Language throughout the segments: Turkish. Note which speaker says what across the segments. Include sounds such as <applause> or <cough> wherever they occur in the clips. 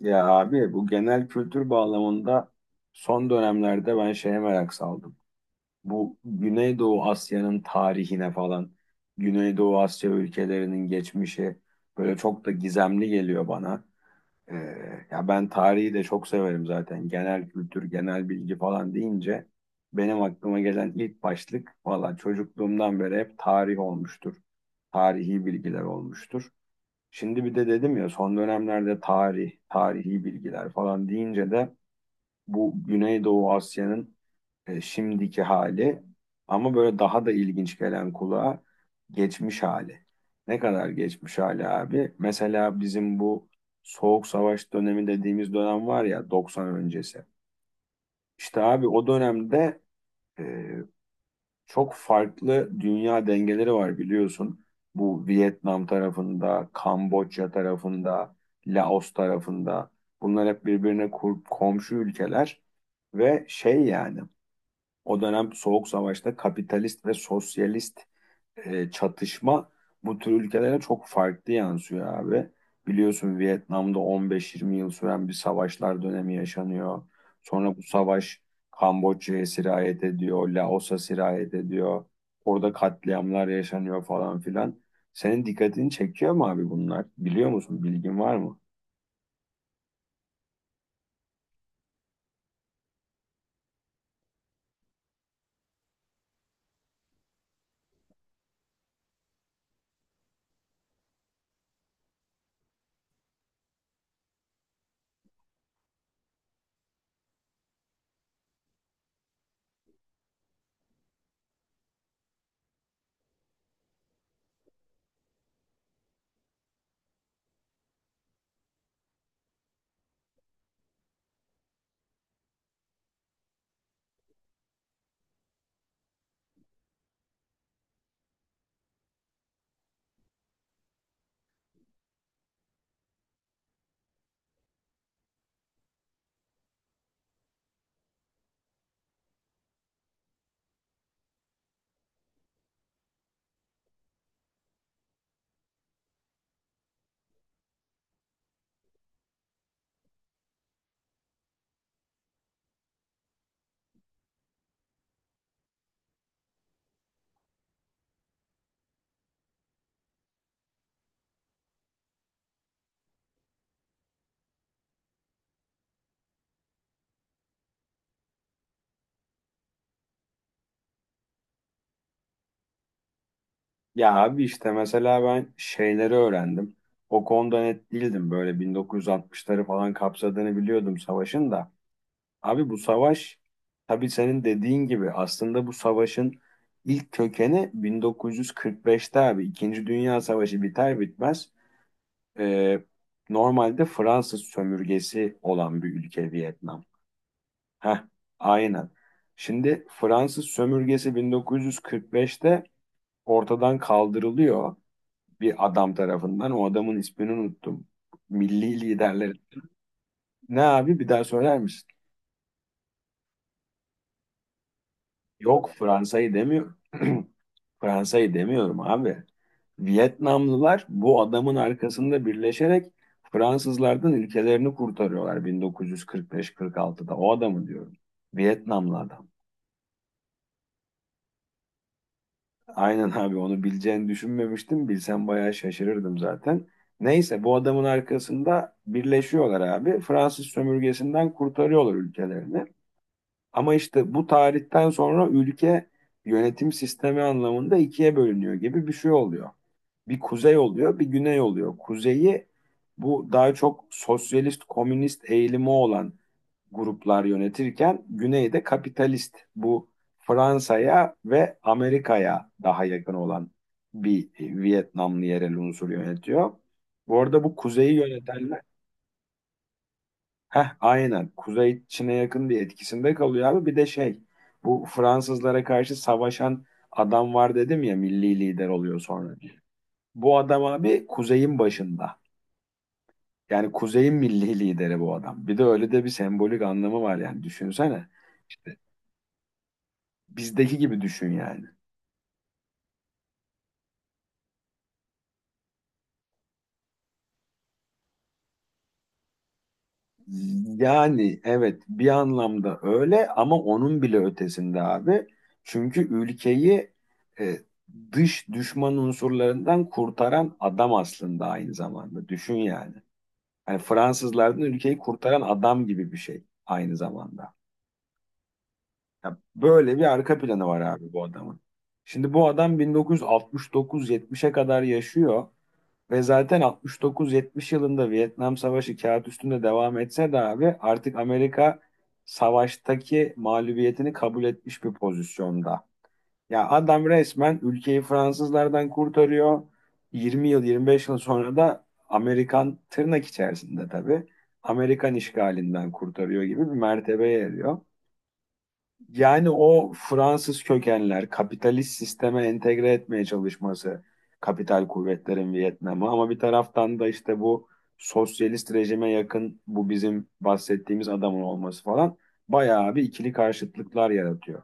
Speaker 1: Ya abi bu genel kültür bağlamında son dönemlerde ben şeye merak saldım. Bu Güneydoğu Asya'nın tarihine falan, Güneydoğu Asya ülkelerinin geçmişi böyle çok da gizemli geliyor bana. Ee, Ya ben tarihi de çok severim zaten. Genel kültür, genel bilgi falan deyince benim aklıma gelen ilk başlık valla çocukluğumdan beri hep tarih olmuştur. Tarihi bilgiler olmuştur. Şimdi bir de dedim ya son dönemlerde tarih, tarihi bilgiler falan deyince de bu Güneydoğu Asya'nın şimdiki hali ama böyle daha da ilginç gelen kulağa geçmiş hali. Ne kadar geçmiş hali abi? Mesela bizim bu Soğuk Savaş dönemi dediğimiz dönem var ya 90 öncesi. İşte abi o dönemde e, çok farklı dünya dengeleri var biliyorsun. Bu Vietnam tarafında, Kamboçya tarafında, Laos tarafında. Bunlar hep birbirine komşu ülkeler ve şey yani o dönem Soğuk Savaş'ta kapitalist ve sosyalist çatışma bu tür ülkelere çok farklı yansıyor abi. Biliyorsun Vietnam'da 15-20 yıl süren bir savaşlar dönemi yaşanıyor. Sonra bu savaş Kamboçya'ya sirayet ediyor, Laos'a sirayet ediyor. Orada katliamlar yaşanıyor falan filan. Senin dikkatini çekiyor mu abi bunlar? Biliyor musun? Bilgin var mı? Ya abi işte mesela ben şeyleri öğrendim. O konuda net değildim. Böyle 1960'ları falan kapsadığını biliyordum savaşın da. Abi bu savaş tabii senin dediğin gibi aslında bu savaşın ilk kökeni 1945'te abi İkinci Dünya Savaşı biter bitmez, e, normalde Fransız sömürgesi olan bir ülke Vietnam. Heh, aynen. Şimdi Fransız sömürgesi 1945'te ortadan kaldırılıyor bir adam tarafından. O adamın ismini unuttum. Milli liderler. Ne abi bir daha söyler misin? Yok Fransa'yı demiyorum. <clears throat> Fransa'yı demiyorum abi. Vietnamlılar bu adamın arkasında birleşerek Fransızlardan ülkelerini kurtarıyorlar 1945-46'da. O adamı diyorum. Vietnamlı adam. Aynen abi, onu bileceğini düşünmemiştim. Bilsem bayağı şaşırırdım zaten. Neyse bu adamın arkasında birleşiyorlar abi. Fransız sömürgesinden kurtarıyorlar ülkelerini. Ama işte bu tarihten sonra ülke yönetim sistemi anlamında ikiye bölünüyor gibi bir şey oluyor. Bir kuzey oluyor, bir güney oluyor. Kuzeyi bu daha çok sosyalist, komünist eğilimi olan gruplar yönetirken güneyde kapitalist, bu Fransa'ya ve Amerika'ya daha yakın olan bir Vietnamlı yerel unsur yönetiyor. Bu arada bu kuzeyi yönetenler. Heh, aynen. Kuzey Çin'e yakın diye etkisinde kalıyor abi. Bir de şey, bu Fransızlara karşı savaşan adam var dedim ya, milli lider oluyor sonra. Bu adam abi kuzeyin başında. Yani kuzeyin milli lideri bu adam. Bir de öyle de bir sembolik anlamı var yani düşünsene. İşte bizdeki gibi düşün yani. Yani evet bir anlamda öyle ama onun bile ötesinde abi. Çünkü ülkeyi, e, dış düşman unsurlarından kurtaran adam aslında aynı zamanda. Düşün yani. Hani Fransızlardan ülkeyi kurtaran adam gibi bir şey aynı zamanda. Ya böyle bir arka planı var abi bu adamın. Şimdi bu adam 1969-70'e kadar yaşıyor. Ve zaten 69-70 yılında Vietnam Savaşı kağıt üstünde devam etse de abi artık Amerika savaştaki mağlubiyetini kabul etmiş bir pozisyonda. Ya adam resmen ülkeyi Fransızlardan kurtarıyor. 20 yıl 25 yıl sonra da Amerikan, tırnak içerisinde tabii, Amerikan işgalinden kurtarıyor gibi bir mertebeye eriyor. Yani o Fransız kökenler kapitalist sisteme entegre etmeye çalışması, kapital kuvvetlerin Vietnam'ı, ama bir taraftan da işte bu sosyalist rejime yakın bu bizim bahsettiğimiz adamın olması falan bayağı bir ikili karşıtlıklar yaratıyor.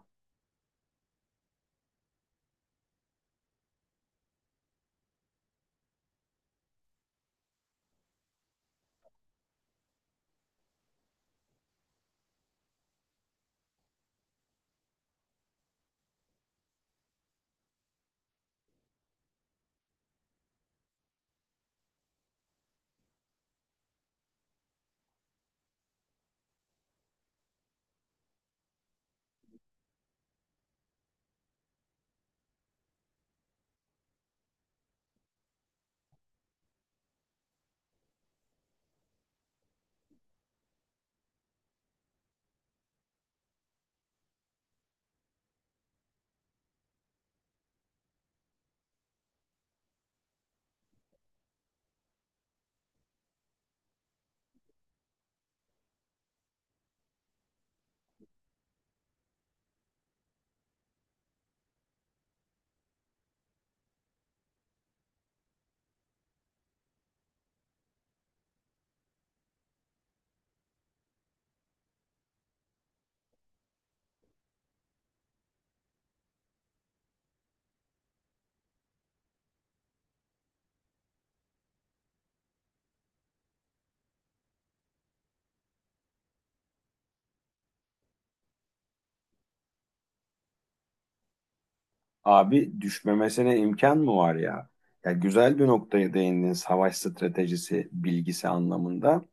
Speaker 1: Abi düşmemesine imkan mı var ya? Ya güzel bir noktaya değindin savaş stratejisi bilgisi anlamında.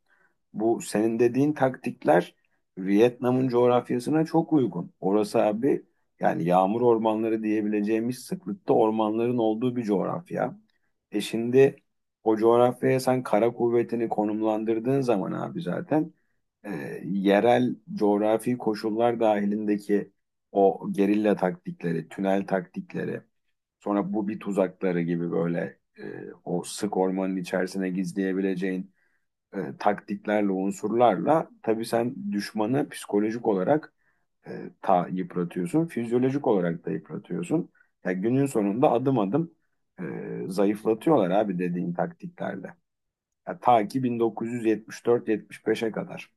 Speaker 1: Bu senin dediğin taktikler Vietnam'ın coğrafyasına çok uygun. Orası abi yani yağmur ormanları diyebileceğimiz sıklıkta ormanların olduğu bir coğrafya. E şimdi o coğrafyaya sen kara kuvvetini konumlandırdığın zaman abi zaten, e, yerel coğrafi koşullar dahilindeki o gerilla taktikleri, tünel taktikleri, sonra bu bir tuzakları gibi böyle, o sık ormanın içerisine gizleyebileceğin taktiklerle, unsurlarla tabii sen düşmanı psikolojik olarak, ta yıpratıyorsun, fizyolojik olarak da yıpratıyorsun. Ya günün sonunda adım adım, e, zayıflatıyorlar abi dediğin taktiklerle. Ya ta ki 1974-75'e kadar.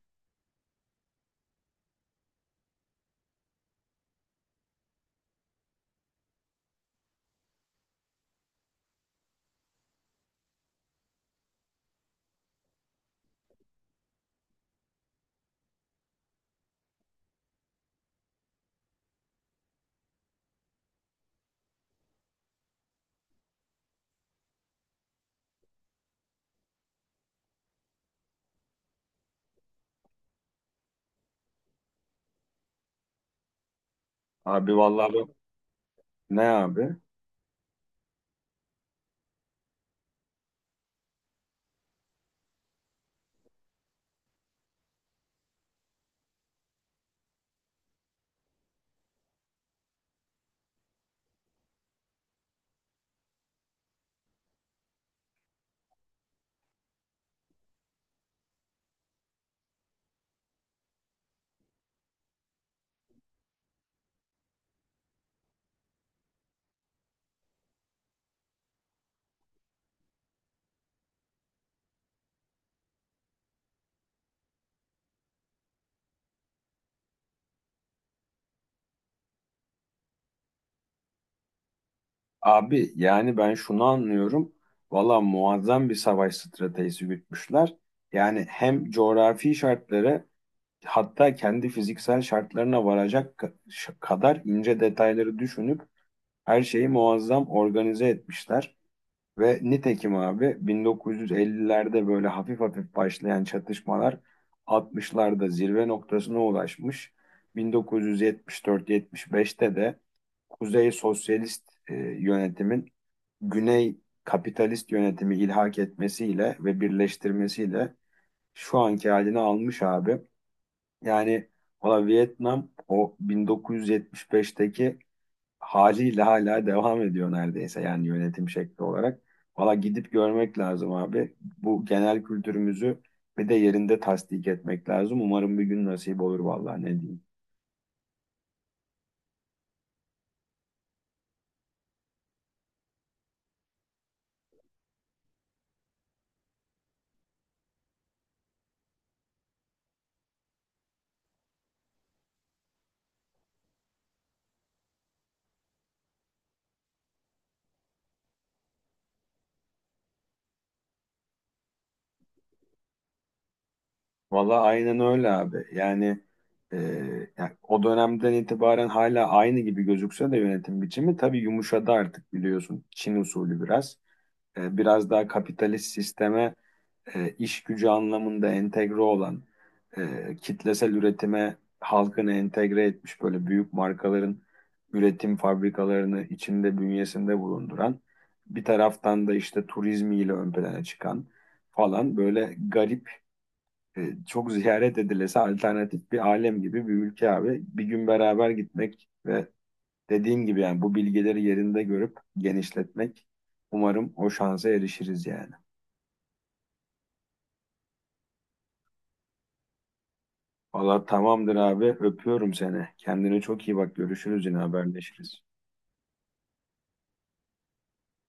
Speaker 1: Abi vallahi ne abi? Abi yani ben şunu anlıyorum. Valla muazzam bir savaş stratejisi gütmüşler. Yani hem coğrafi şartları, hatta kendi fiziksel şartlarına varacak kadar ince detayları düşünüp her şeyi muazzam organize etmişler. Ve nitekim abi 1950'lerde böyle hafif hafif başlayan çatışmalar 60'larda zirve noktasına ulaşmış. 1974-75'te de Kuzey Sosyalist yönetimin Güney Kapitalist yönetimi ilhak etmesiyle ve birleştirmesiyle şu anki halini almış abi. Yani valla Vietnam o 1975'teki haliyle hala devam ediyor neredeyse yani yönetim şekli olarak. Valla gidip görmek lazım abi. Bu genel kültürümüzü bir de yerinde tasdik etmek lazım. Umarım bir gün nasip olur valla ne diyeyim. Valla aynen öyle abi. E, yani, o dönemden itibaren hala aynı gibi gözükse de yönetim biçimi tabii yumuşadı artık biliyorsun. Çin usulü biraz. Biraz daha kapitalist sisteme, iş gücü anlamında entegre olan, kitlesel üretime halkını entegre etmiş böyle büyük markaların üretim fabrikalarını içinde bünyesinde bulunduran, bir taraftan da işte turizmiyle ön plana çıkan falan böyle garip, çok ziyaret edilesi alternatif bir alem gibi bir ülke abi. Bir gün beraber gitmek ve dediğim gibi yani bu bilgileri yerinde görüp genişletmek, umarım o şansa erişiriz yani. Valla tamamdır abi. Öpüyorum seni. Kendine çok iyi bak. Görüşürüz yine haberleşiriz.